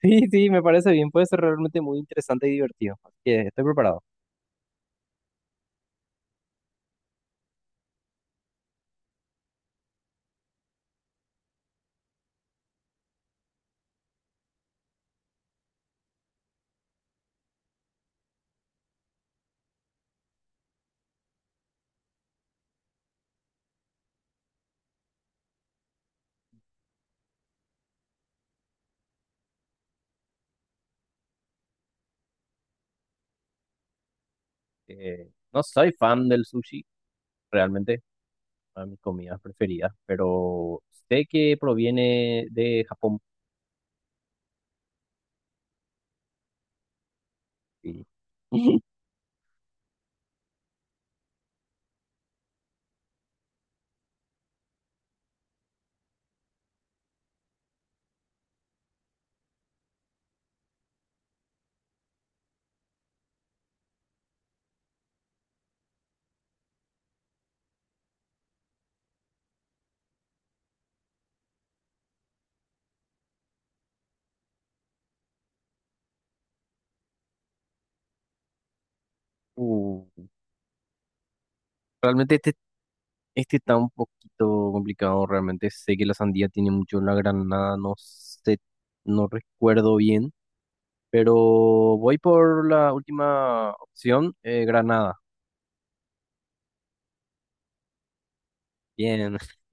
Sí, sí, me parece bien. Puede ser realmente muy interesante y divertido. Así que estoy preparado. No soy fan del sushi, realmente, una de mis comidas preferidas, pero sé que proviene de Japón y uh, realmente este está un poquito complicado, realmente sé que la sandía tiene mucho la granada, no sé, no recuerdo bien, pero voy por la última opción, granada. Bien,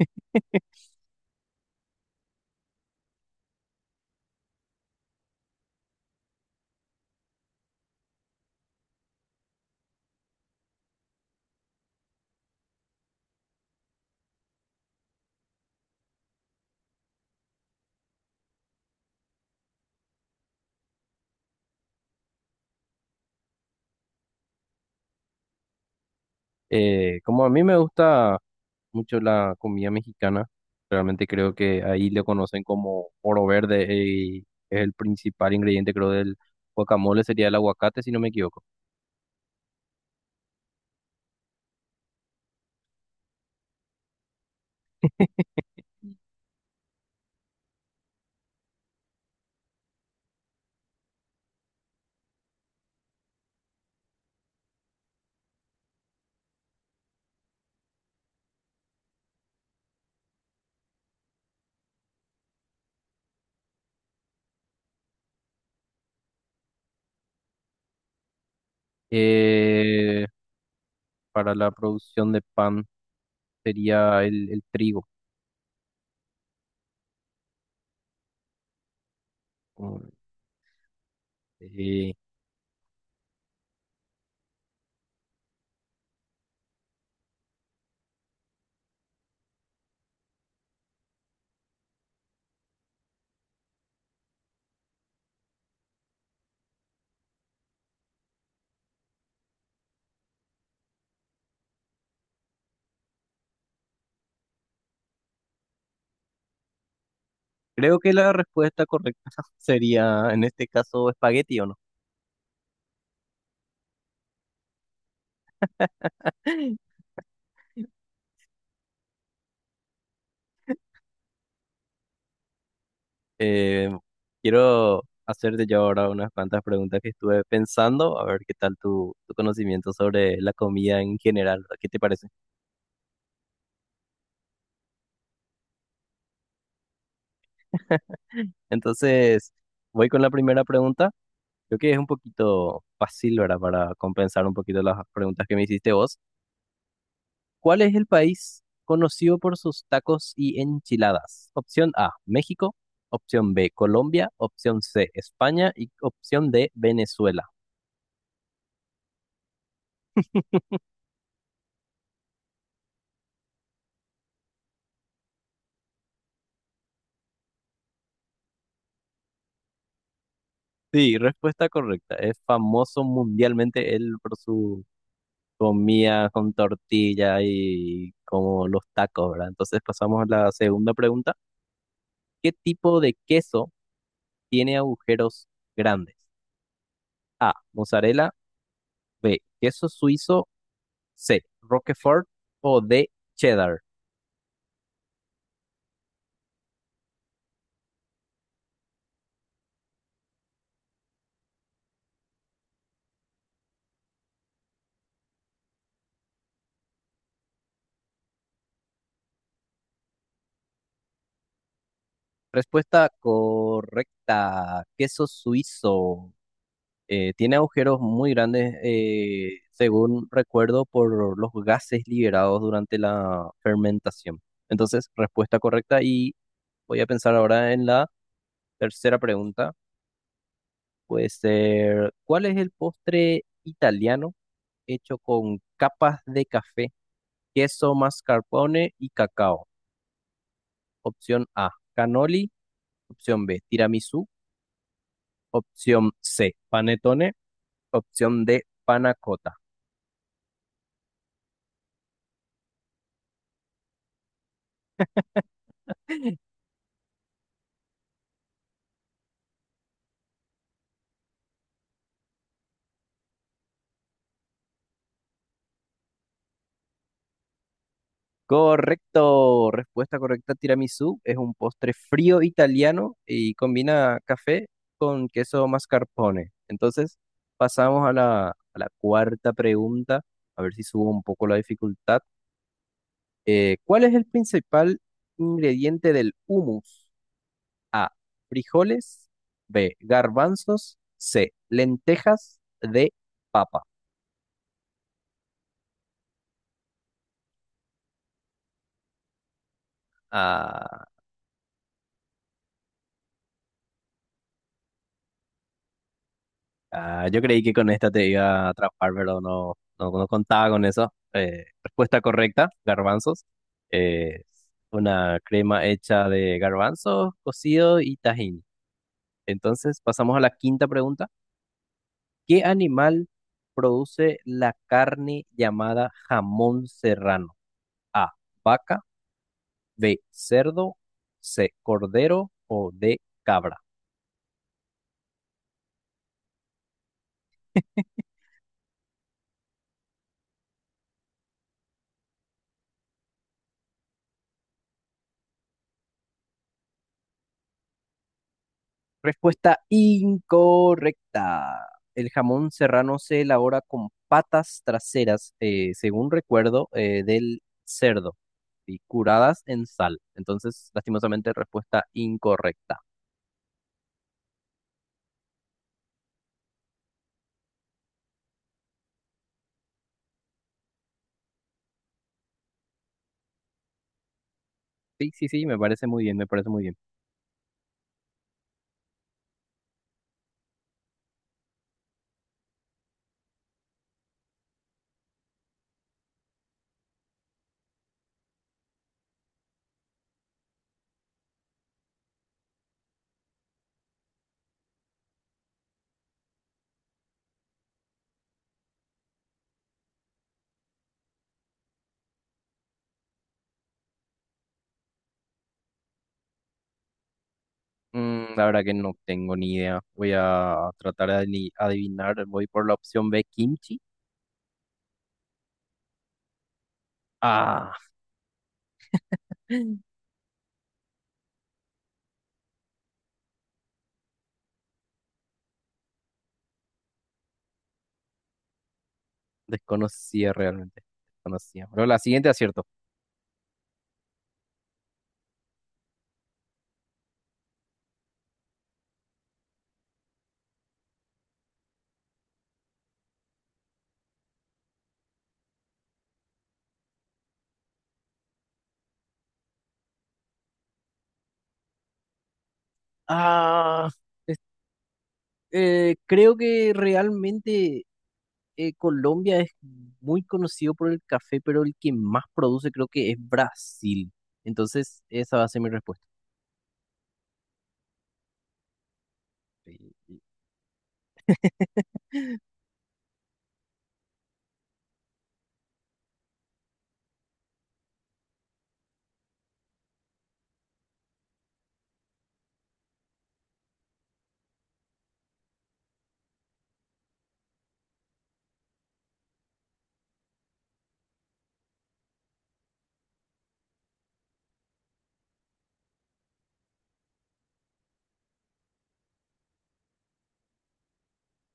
como a mí me gusta mucho la comida mexicana. Realmente creo que ahí lo conocen como oro verde y es el principal ingrediente, creo, del guacamole, sería el aguacate, si no me equivoco. Eh, para la producción de pan sería el trigo. Mm, eh, creo que la respuesta correcta sería, en este caso, espagueti, ¿o no? Eh, Quiero hacerte yo ahora unas cuantas preguntas que estuve pensando, a ver qué tal tu conocimiento sobre la comida en general, ¿qué te parece? Entonces, voy con la primera pregunta. Creo que es un poquito fácil, ¿verdad? Para compensar un poquito las preguntas que me hiciste vos. ¿Cuál es el país conocido por sus tacos y enchiladas? Opción A, México. Opción B, Colombia. Opción C, España. Y opción D, Venezuela. Sí, respuesta correcta. Es famoso mundialmente él por su comida con tortilla y como los tacos, ¿verdad? Entonces pasamos a la segunda pregunta. ¿Qué tipo de queso tiene agujeros grandes? A, mozzarella, B, queso suizo, C, Roquefort o D, cheddar. Respuesta correcta, queso suizo. Tiene agujeros muy grandes, según recuerdo, por los gases liberados durante la fermentación. Entonces, respuesta correcta y voy a pensar ahora en la tercera pregunta. Puede ser, ¿cuál es el postre italiano hecho con capas de café, queso, mascarpone y cacao? Opción A, cannoli. Opción B, tiramisú. Opción C, panettone. Opción D, panacota. Correcto, respuesta correcta, tiramisú es un postre frío italiano y combina café con queso mascarpone. Entonces, pasamos a la cuarta pregunta, a ver si subo un poco la dificultad. ¿Cuál es el principal ingrediente del hummus? A, frijoles, B, garbanzos, C, lentejas, D, papa. Ah. Ah, yo creí que con esta te iba a atrapar, pero no, no, no contaba con eso. Respuesta correcta, garbanzos. Eh, una crema hecha de garbanzos, cocido y tajín. Entonces, pasamos a la quinta pregunta. ¿Qué animal produce la carne llamada jamón serrano? A, vaca, B, cerdo, C, cordero o D, cabra. Respuesta incorrecta. El jamón serrano se elabora con patas traseras, según recuerdo, del cerdo y curadas en sal. Entonces, lastimosamente, respuesta incorrecta. Sí, sí, sí, me parece muy bien, me parece muy bien. Mm, la verdad que no tengo ni idea. Voy a tratar de adivinar. Voy por la opción B, kimchi. Ah, desconocía realmente. Desconocía. Pero la siguiente acierto. Ah, es- creo que realmente Colombia es muy conocido por el café, pero el que más produce creo que es Brasil. Entonces, esa va a ser mi respuesta. Y-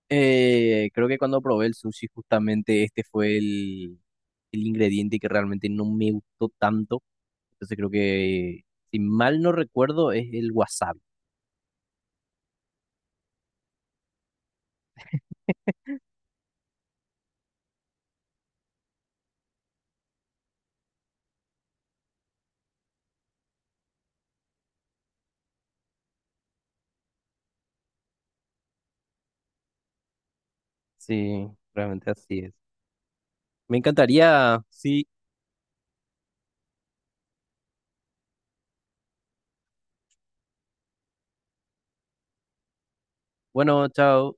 creo que cuando probé el sushi, justamente este fue el ingrediente que realmente no me gustó tanto. Entonces creo que, si mal no recuerdo, es el wasabi. Sí, realmente así es. Me encantaría. Sí, bueno, chao.